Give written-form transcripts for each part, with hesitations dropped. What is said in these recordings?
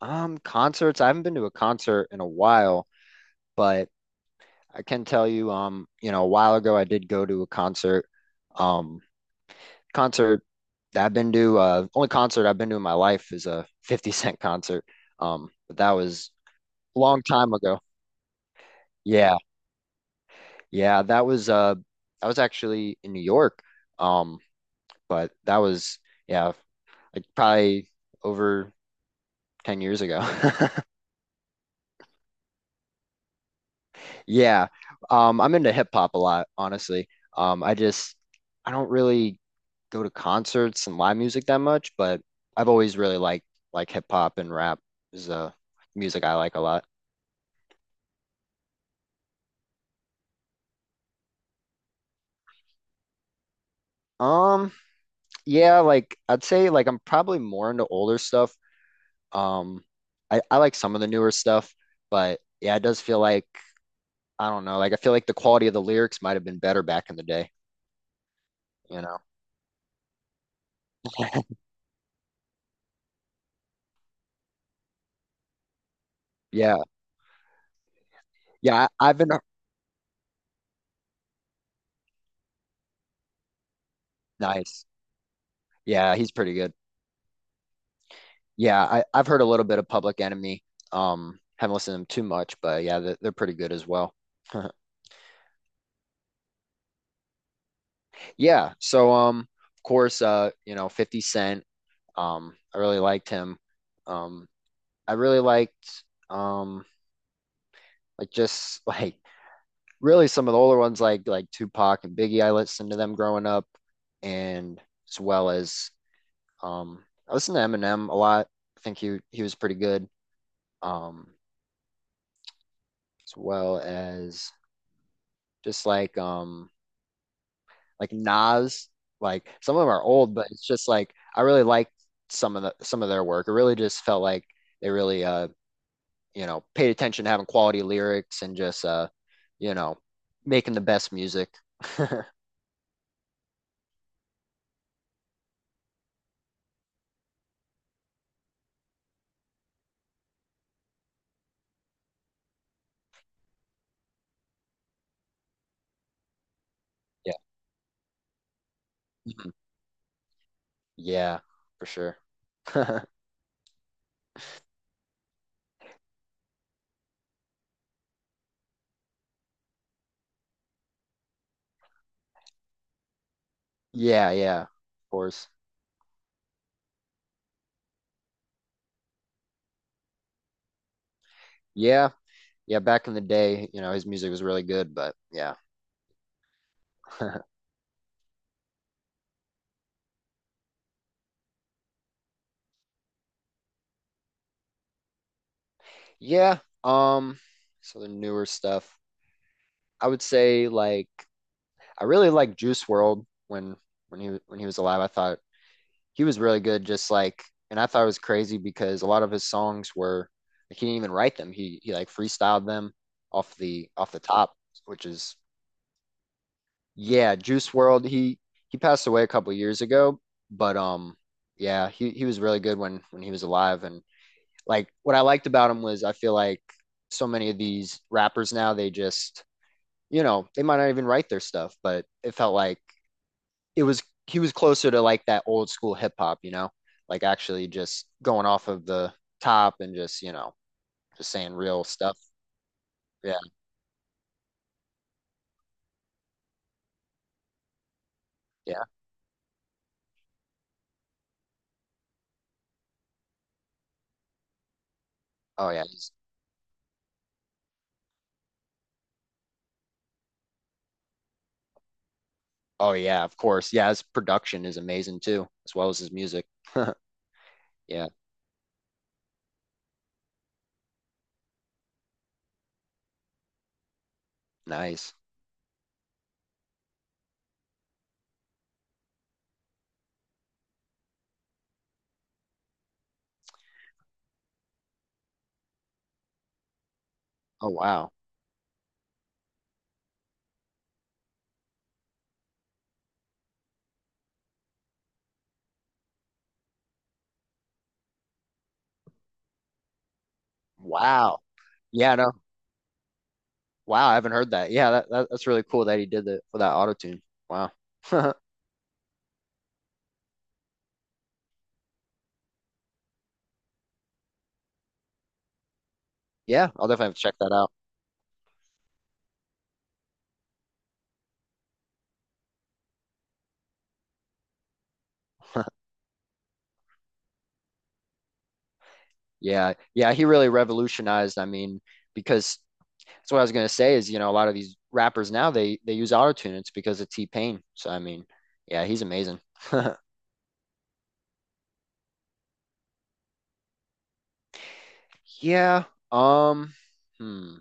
Concerts. I haven't been to a concert in a while, but I can tell you, a while ago I did go to a concert. Um, concert that I've been to, only concert I've been to in my life is a 50 Cent concert. But that was a long time ago. Yeah, yeah, that was I was actually in New York. Um, but that was yeah, like probably over 10 years ago. Yeah. I'm into hip hop a lot, honestly. Um, I just I don't really go to concerts and live music that much, but I've always really liked like hip hop and rap is music I like a lot. Um, yeah, I'd say like I'm probably more into older stuff. Um, I like some of the newer stuff, but yeah, it does feel like I don't know, like I feel like the quality of the lyrics might have been better back in the day, you know. Yeah. Yeah, I've been nice. Yeah, he's pretty good. Yeah, I've heard a little bit of Public Enemy. Haven't listened to them too much, but yeah, they're pretty good as well. Yeah, of course, 50 Cent. I really liked him. Um, I really liked um, like just like really some of the older ones like Tupac and Biggie. I listened to them growing up, and as well as I listened to Eminem a lot. I think he was pretty good. Um, as well as just like Nas, like some of them are old, but it's just like I really liked some of their work. It really just felt like they really you know paid attention to having quality lyrics and just you know making the best music. Yeah. Mhm. Yeah, for sure. Yeah, yeah, of course. Yeah, yeah, back in the day, you know, his music was really good, but yeah. Yeah, so the newer stuff. I would say like I really liked Juice World when he was alive. I thought he was really good. Just like, and I thought it was crazy because a lot of his songs were like he didn't even write them. He like freestyled them off the top, which is yeah. Juice World. He passed away a couple years ago, but yeah, he was really good when he was alive. And like what I liked about him was I feel like so many of these rappers now they just you know they might not even write their stuff, but it felt like it was he was closer to like that old school hip hop, you know, like actually just going off of the top and just you know just saying real stuff. Yeah, yeah. Oh yeah. he's- oh yeah. Of course. Yeah, his production is amazing too, as well as his music. Yeah, nice. Oh wow, wow. Yeah, no, wow. I haven't heard that. Yeah, that's really cool that he did that for that auto tune. Wow. Yeah, I'll definitely have to check that out. Yeah, yeah. He really revolutionized. I mean, because that's what I was gonna say is, you know, a lot of these rappers now they use auto tune. It's because of T-Pain. So I mean, yeah, he's amazing. Yeah. Um, hmm.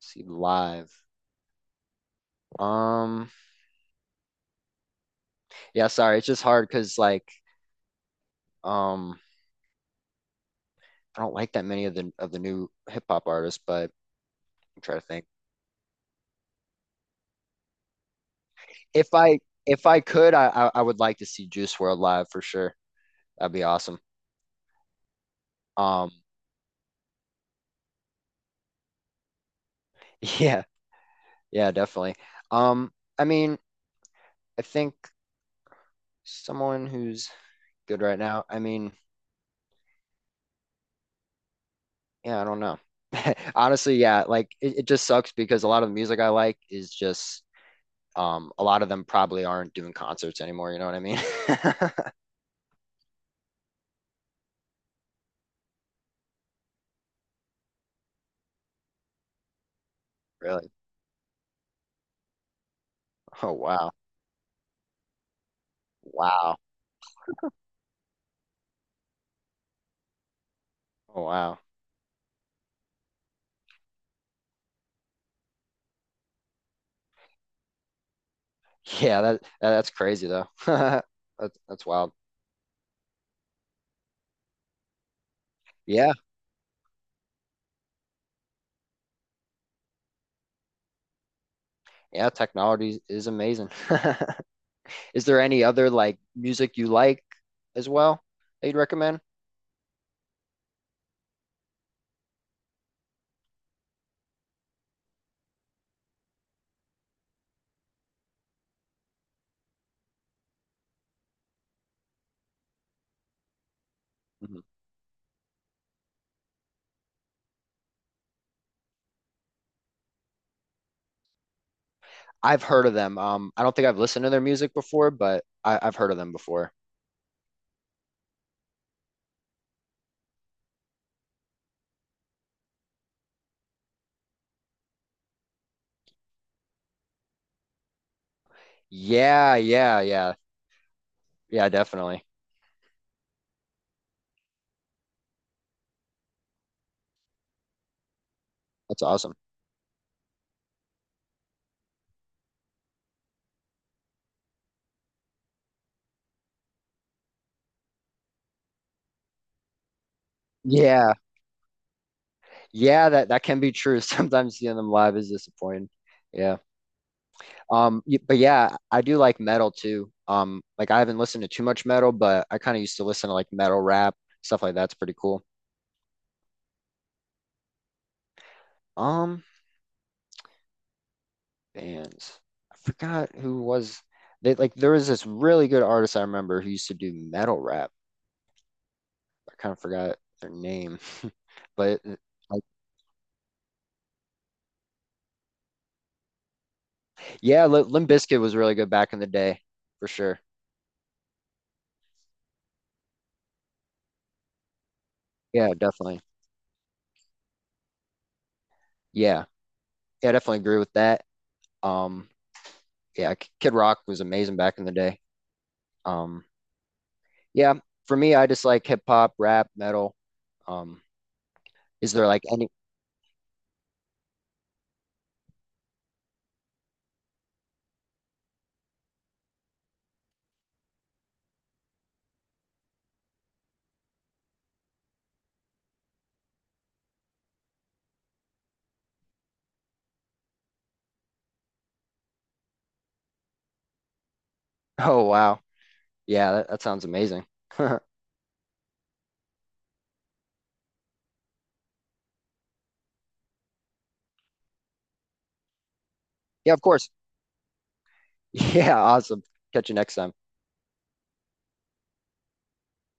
See live. Um, yeah, sorry, it's just hard because um I don't like that many of the new hip hop artists, but I'm trying to think. If I if I could, I would like to see Juice World live for sure. That'd be awesome. Um, yeah, yeah, definitely. Um, I mean, I think someone who's good right now. I mean, yeah, I don't know. Honestly, yeah, it just sucks because a lot of the music I like is just a lot of them probably aren't doing concerts anymore, you know what I mean? Really? Oh wow. Wow. Oh wow. Yeah, that's crazy though. That's wild. Yeah. Yeah, technology is amazing. Is there any other like music you like as well that you'd recommend? Mhm. I've heard of them. I don't think I've listened to their music before, but I've heard of them before. Yeah, Yeah, definitely. That's awesome. Yeah. Yeah, that that can be true. Sometimes seeing them live is disappointing. Yeah. But yeah, I do like metal too. Like I haven't listened to too much metal, but I kind of used to listen to like metal rap, stuff like that's pretty cool. Um bands. I forgot who was they like there was this really good artist I remember who used to do metal rap. I kind of forgot their name. But like yeah, Limp Bizkit was really good back in the day for sure. Yeah, definitely. Yeah. Yeah, I definitely agree with that. Um, yeah, Kid Rock was amazing back in the day. Um, yeah, for me, I just like hip hop, rap, metal. Um, is there like any? Oh, wow. Yeah, that sounds amazing. Yeah, of course. Yeah, awesome. Catch you next time.